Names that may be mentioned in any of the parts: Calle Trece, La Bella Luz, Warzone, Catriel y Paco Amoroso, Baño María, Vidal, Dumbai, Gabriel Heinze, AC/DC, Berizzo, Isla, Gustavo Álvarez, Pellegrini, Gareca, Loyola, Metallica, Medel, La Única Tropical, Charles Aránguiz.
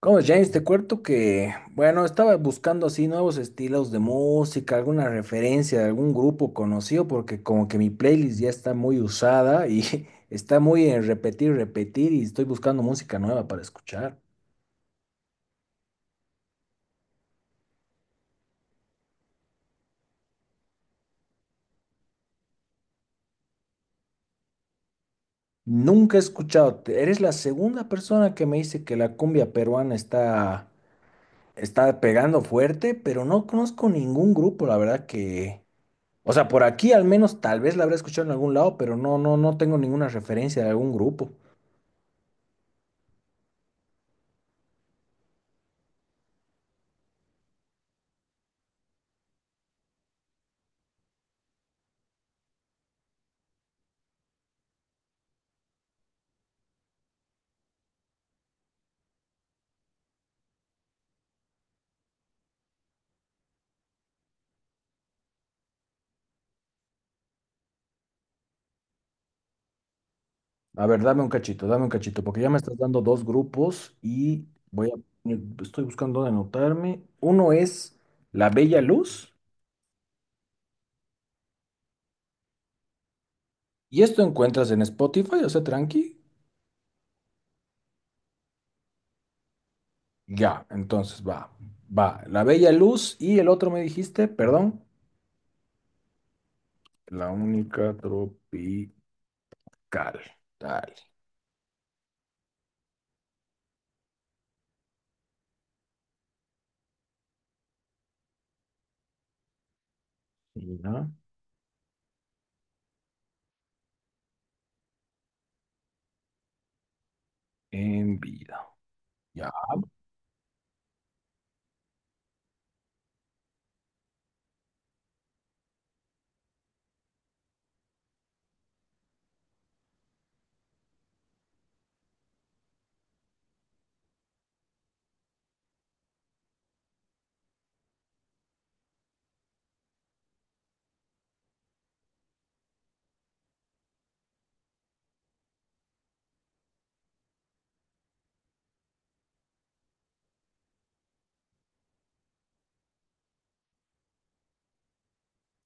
Como James, te cuento que, bueno, estaba buscando así nuevos estilos de música, alguna referencia de algún grupo conocido, porque como que mi playlist ya está muy usada y está muy en repetir, repetir, y estoy buscando música nueva para escuchar. Nunca he escuchado, eres la segunda persona que me dice que la cumbia peruana está pegando fuerte, pero no conozco ningún grupo, la verdad que... O sea, por aquí al menos tal vez la habré escuchado en algún lado, pero no, no, no tengo ninguna referencia de algún grupo. A ver, dame un cachito, porque ya me estás dando dos grupos y voy a, estoy buscando dónde anotarme. Uno es La Bella Luz, y esto encuentras en Spotify, o sea, tranqui. Ya, entonces va, va, La Bella Luz y el otro me dijiste, perdón, La Única Tropical. Dale, ya, en vida. Ya.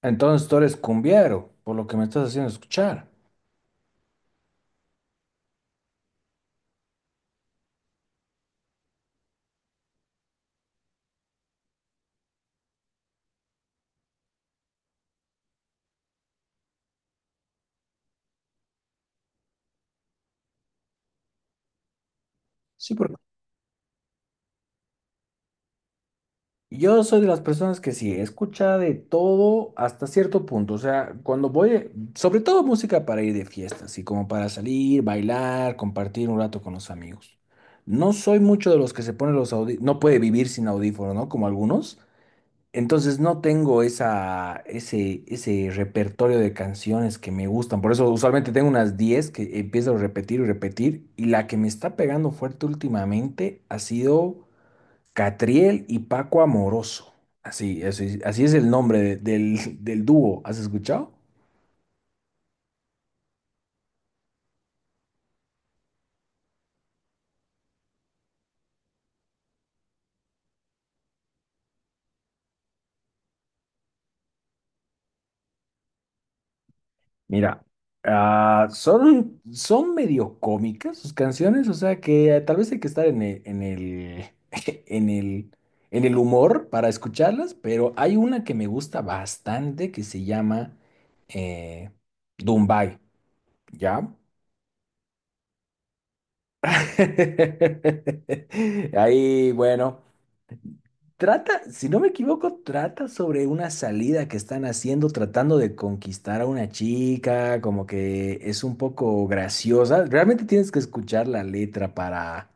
Entonces tú eres cumbiero, por lo que me estás haciendo escuchar. Sí, porque yo soy de las personas que sí, escucha de todo hasta cierto punto. O sea, cuando voy, sobre todo música para ir de fiesta, así como para salir, bailar, compartir un rato con los amigos. No soy mucho de los que se ponen los audífonos, no puede vivir sin audífonos, ¿no? Como algunos. Entonces no tengo esa, ese repertorio de canciones que me gustan. Por eso usualmente tengo unas 10 que empiezo a repetir y repetir. Y la que me está pegando fuerte últimamente ha sido... Catriel y Paco Amoroso. Así, así, así es el nombre del dúo. ¿Has escuchado? Mira, ah, son, son medio cómicas sus canciones, o sea que tal vez hay que estar en el, en el, en el humor para escucharlas, pero hay una que me gusta bastante que se llama eh, Dumbai, ¿ya? Ahí, bueno. Trata, si no me equivoco, trata sobre una salida que están haciendo, tratando de conquistar a una chica, como que es un poco graciosa. Realmente tienes que escuchar la letra para...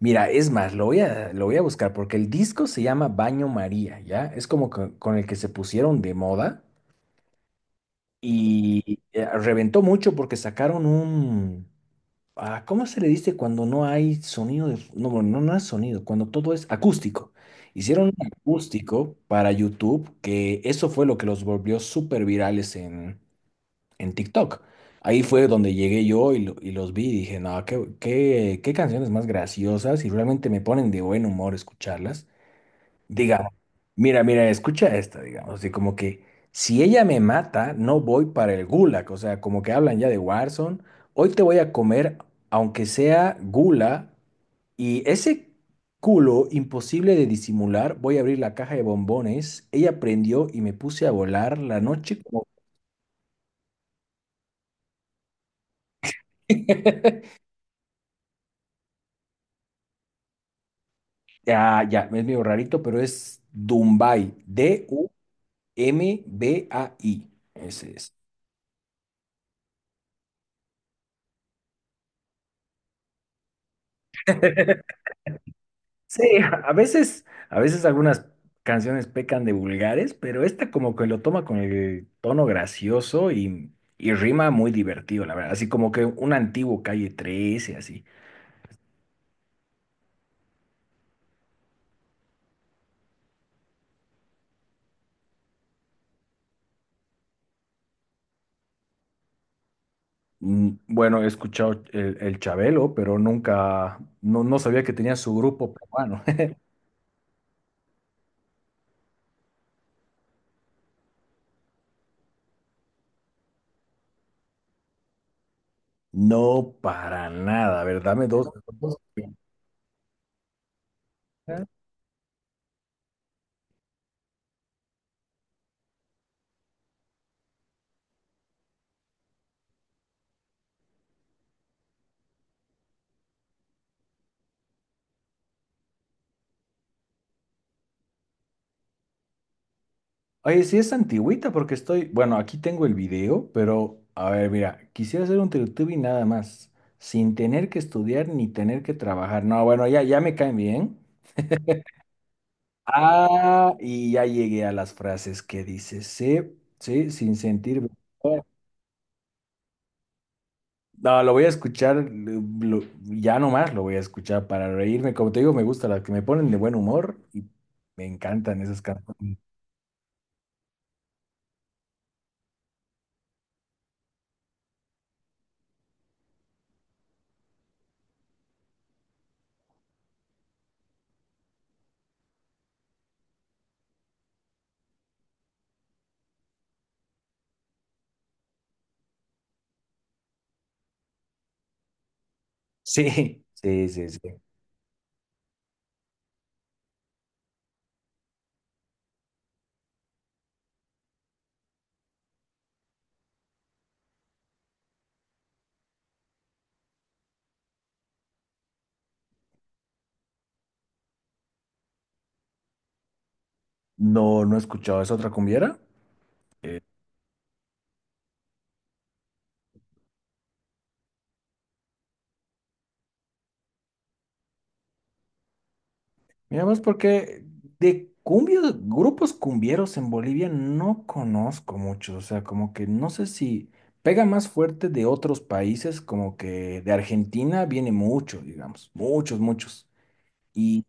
Mira, es más, lo voy a buscar porque el disco se llama Baño María, ¿ya? Es como con el que se pusieron de moda y reventó mucho porque sacaron un... Ah, ¿cómo se le dice cuando no hay sonido de... No, bueno, no, no es sonido, cuando todo es acústico. Hicieron un acústico para YouTube, que eso fue lo que los volvió súper virales en TikTok. Ahí fue donde llegué yo y, y los vi y dije, no, qué, qué, qué canciones más graciosas y realmente me ponen de buen humor escucharlas. Diga, mira, mira, escucha esta, digamos, así como que si ella me mata, no voy para el gulag, o sea, como que hablan ya de Warzone, hoy te voy a comer, aunque sea gula, y ese culo imposible de disimular, voy a abrir la caja de bombones, ella prendió y me puse a volar la noche como... Ya, ya, es medio rarito, pero es Dumbai, D-U-M-B-A-I, ese es. Sí, a veces, a veces algunas canciones pecan de vulgares, pero esta como que lo toma con el tono gracioso y rima muy divertido, la verdad. Así como que un antiguo Calle trece, así. Mm, bueno, he escuchado el Chabelo, pero nunca, no, no sabía que tenía su grupo peruano. No, para nada, a ver, dame dos. Dos. Oye, sí es antigüita porque estoy, bueno, aquí tengo el video, pero a ver, mira, quisiera hacer un y nada más, sin tener que estudiar ni tener que trabajar. No, bueno, ya, ya me caen bien. Ah, y ya llegué a las frases que dice, sí, sí, sin sentir. No, lo voy a escuchar, ya nomás lo voy a escuchar para reírme. Como te digo, me gusta las que me ponen de buen humor y me encantan esas canciones. Sí, sí, sí, sí. No, no he escuchado. ¿Es otra cumbiera? Mira vos, porque de cumbios, grupos cumbieros en Bolivia no conozco muchos, o sea, como que no sé si pega más fuerte de otros países, como que de Argentina viene mucho, digamos, muchos, muchos. Y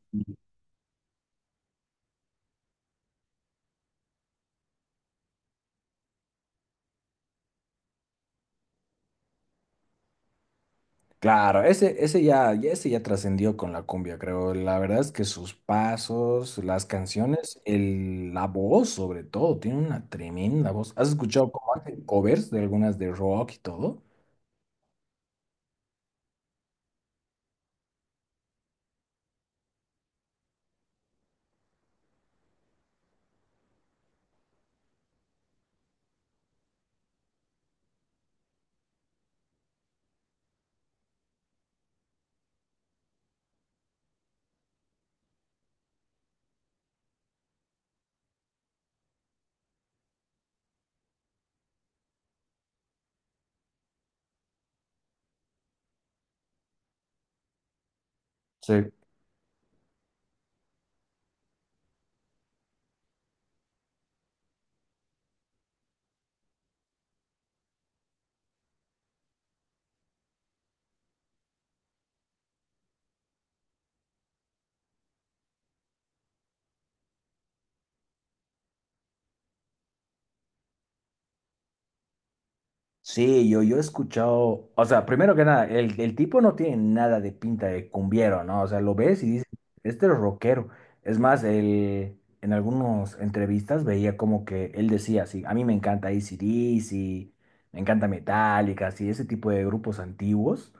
claro, ese ya, ese ya trascendió con la cumbia, creo. La verdad es que sus pasos, las canciones, el, la voz sobre todo, tiene una tremenda voz. ¿Has escuchado cómo hacen covers de algunas de rock y todo? Sí. Sí, yo he escuchado, o sea, primero que nada, el tipo no tiene nada de pinta de cumbiero, ¿no? O sea, lo ves y dices, este es rockero. Es más, él, en algunas entrevistas veía como que él decía, sí, a mí me encanta AC/DC, me encanta Metallica, así, ese tipo de grupos antiguos,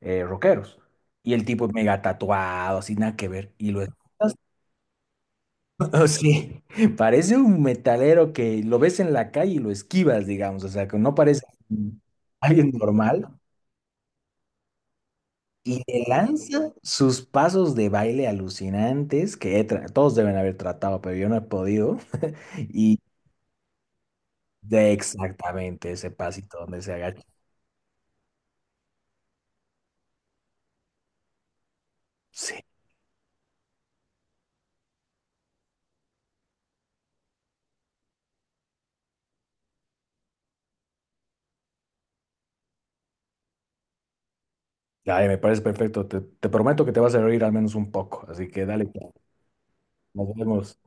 rockeros. Y el tipo mega tatuado, así, nada que ver. Y lo escuchas oh, sí, parece un metalero que lo ves en la calle y lo esquivas, digamos, o sea, que no parece alguien normal y le lanza sus pasos de baile alucinantes que todos deben haber tratado, pero yo no he podido. Y de exactamente ese pasito donde se agacha. Sí, ay, me parece perfecto. Te prometo que te vas a reír al menos un poco, así que dale, nos vemos.